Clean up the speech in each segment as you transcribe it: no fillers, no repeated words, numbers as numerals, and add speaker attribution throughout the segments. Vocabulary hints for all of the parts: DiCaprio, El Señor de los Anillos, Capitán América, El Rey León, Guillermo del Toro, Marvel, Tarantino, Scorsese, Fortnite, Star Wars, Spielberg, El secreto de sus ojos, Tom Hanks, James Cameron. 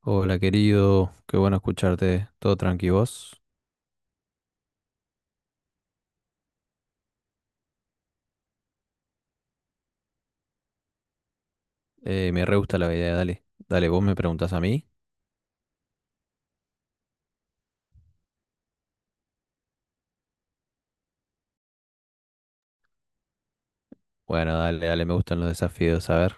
Speaker 1: Hola querido, qué bueno escucharte, todo tranqui vos. Me re gusta la idea, dale. Dale, vos me preguntás a mí. Bueno, dale, dale, me gustan los desafíos, a ver.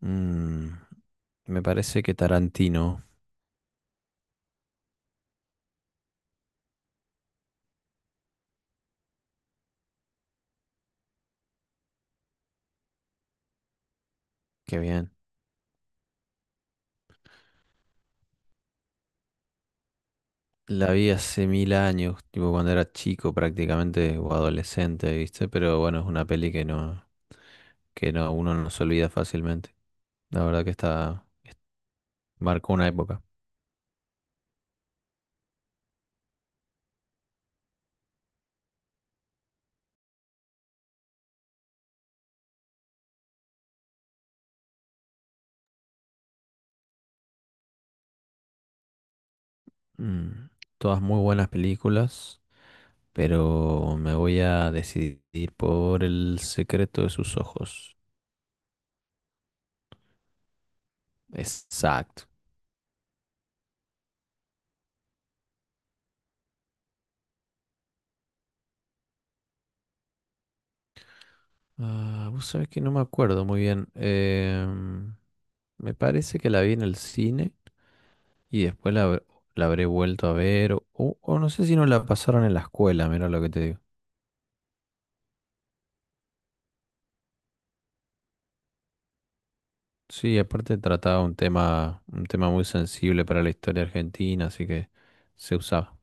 Speaker 1: Mm, Me parece que Tarantino. Qué bien. La vi hace mil años, tipo cuando era chico prácticamente o adolescente, ¿viste? Pero bueno, es una peli que no, uno no se olvida fácilmente. La verdad que marcó una época. Mm, Todas muy buenas películas. Pero me voy a decidir por el secreto de sus ojos. Exacto. Ah, vos sabés que no me acuerdo muy bien. Me parece que la vi en el cine y después la habré vuelto a ver. O no sé si no la pasaron en la escuela, mira lo que te digo. Sí, aparte trataba un tema muy sensible para la historia argentina, así que se usaba.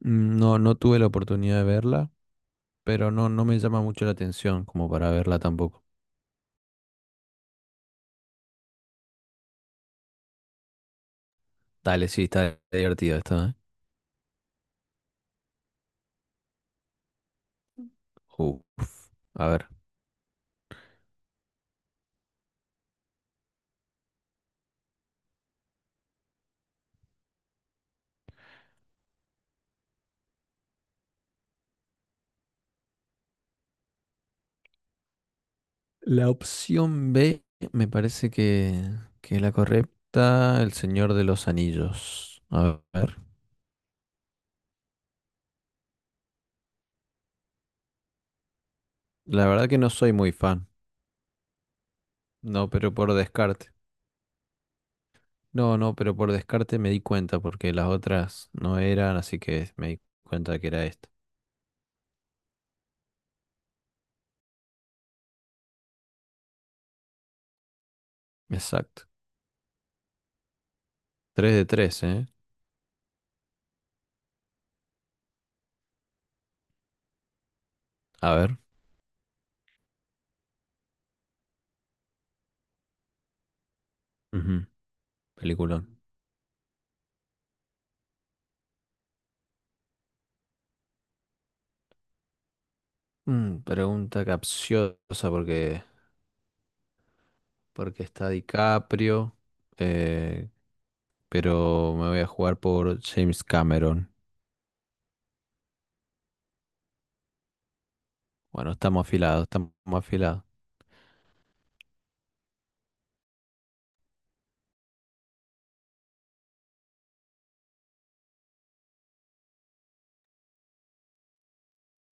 Speaker 1: No, no tuve la oportunidad de verla, pero no, no me llama mucho la atención como para verla tampoco. Dale, sí, está divertido esto, ¿eh? Uf. A ver. La opción B me parece que es la correcta, El Señor de los Anillos. A ver. La verdad que no soy muy fan. No, pero por descarte. No, no, pero por descarte me di cuenta porque las otras no eran, así que me di cuenta que era esta. Exacto. 3 de 3, ¿eh? A ver. Ujú. Peliculón. Pregunta capciosa porque está DiCaprio. Eh, pero me voy a jugar por James Cameron. Bueno, estamos afilados, estamos afilados.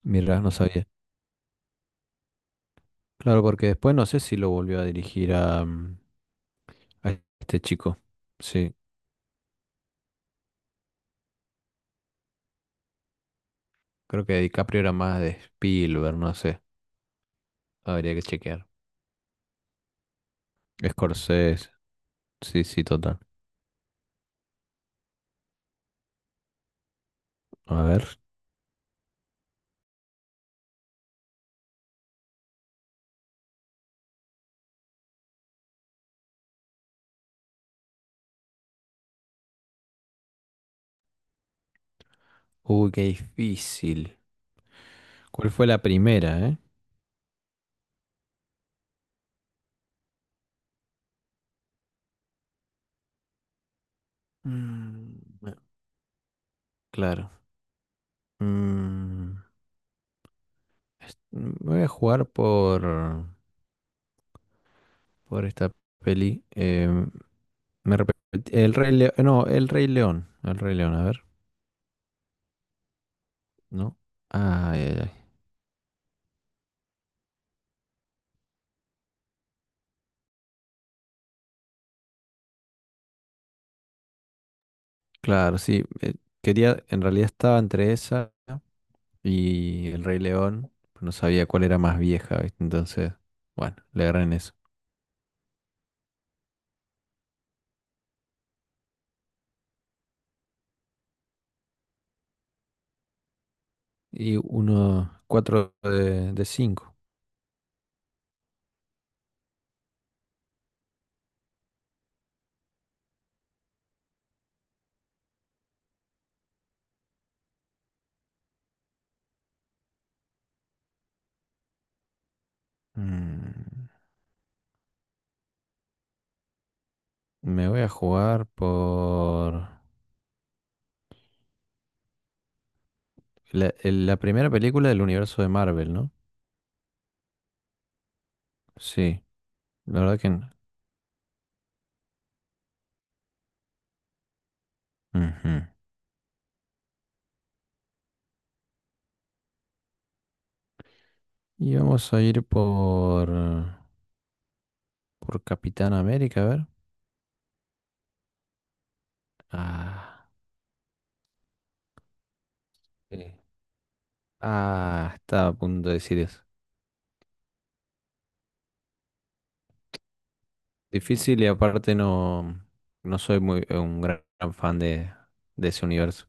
Speaker 1: Mira, no sabía. Claro, porque después no sé si lo volvió a dirigir a este chico. Sí, creo que DiCaprio era más de Spielberg, no sé. Habría que chequear. Scorsese, sí, sí, total. A ver. Uy, qué difícil. ¿Cuál fue la primera, eh? Bueno, claro. Mm, Me voy a jugar por esta peli. El Rey León. No, El Rey León. El Rey León, a ver. No. Ay, ay, ay. Claro, sí. En realidad estaba entre esa y El Rey León, pero no sabía cuál era más vieja, ¿viste? Entonces, bueno, le agarré en eso. Y uno, cuatro de cinco. Mm, Me voy a jugar por la primera película del universo de Marvel, ¿no? Sí, la verdad que no. Ujú. Y vamos a ir por... Por Capitán América, a ver. Ah, sí. Ah, estaba a punto de decir eso. Difícil y aparte no, no soy muy un gran, gran fan de ese universo.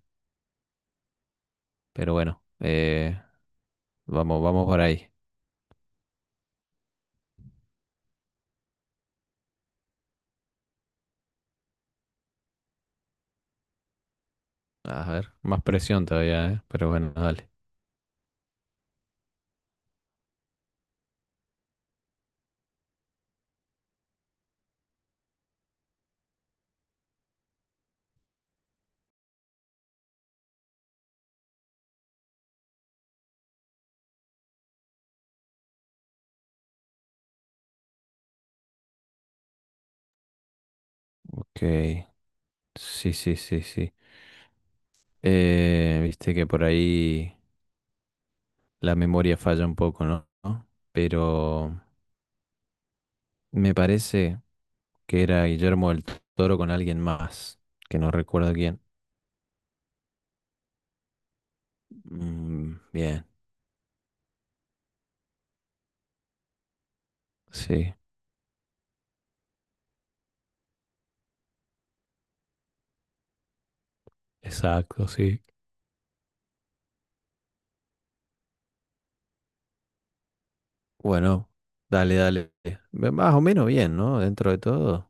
Speaker 1: Pero bueno, vamos, vamos por ahí. A ver, más presión todavía, ¿eh? Pero bueno, dale. Ok. Sí, sí, sí, sí. Viste que por ahí la memoria falla un poco, ¿no? ¿No? Pero me parece que era Guillermo del Toro con alguien más, que no recuerdo quién. Bien, sí. Exacto, sí. Bueno, dale, dale. Más o menos bien, ¿no? Dentro de todo.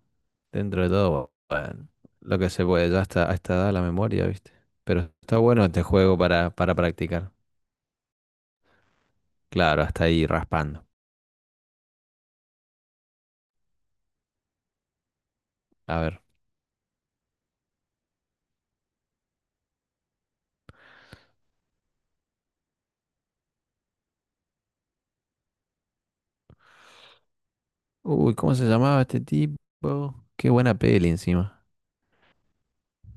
Speaker 1: Dentro de todo, bueno, lo que se puede, ya está, a esta edad la memoria, ¿viste? Pero está bueno este juego para, practicar. Claro, hasta ahí raspando. A ver. Uy, ¿cómo se llamaba este tipo? Qué buena peli encima.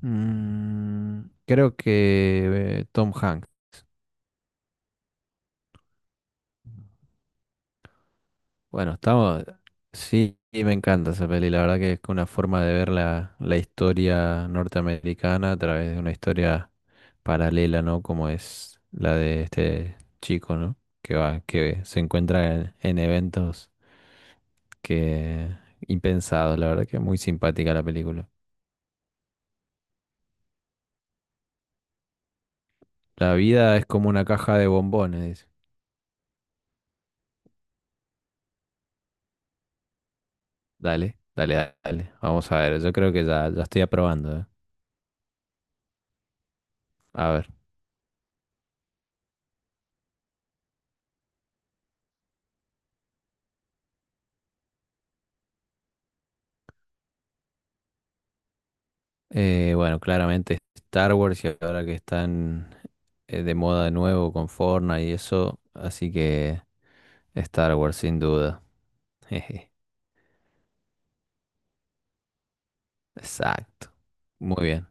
Speaker 1: Mm, Creo que Tom Hanks. Bueno, estamos. Sí, sí, me encanta esa peli. La verdad que es una forma de ver la historia norteamericana a través de una historia paralela, ¿no? Como es la de este chico, ¿no? Que va, que se encuentra en eventos que impensados. La verdad que es muy simpática la película. La vida es como una caja de bombones, dice. Dale, dale, dale. Vamos a ver. Yo creo que ya, ya estoy aprobando, ¿eh? A ver. Bueno, claramente Star Wars y ahora que están de moda de nuevo con Fortnite y eso, así que Star Wars sin duda. Jeje. Exacto. Muy bien.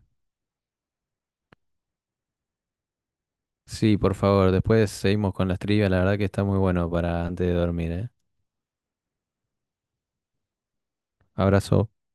Speaker 1: Sí, por favor, después seguimos con las trivias, la verdad que está muy bueno para antes de dormir, ¿eh? Abrazo.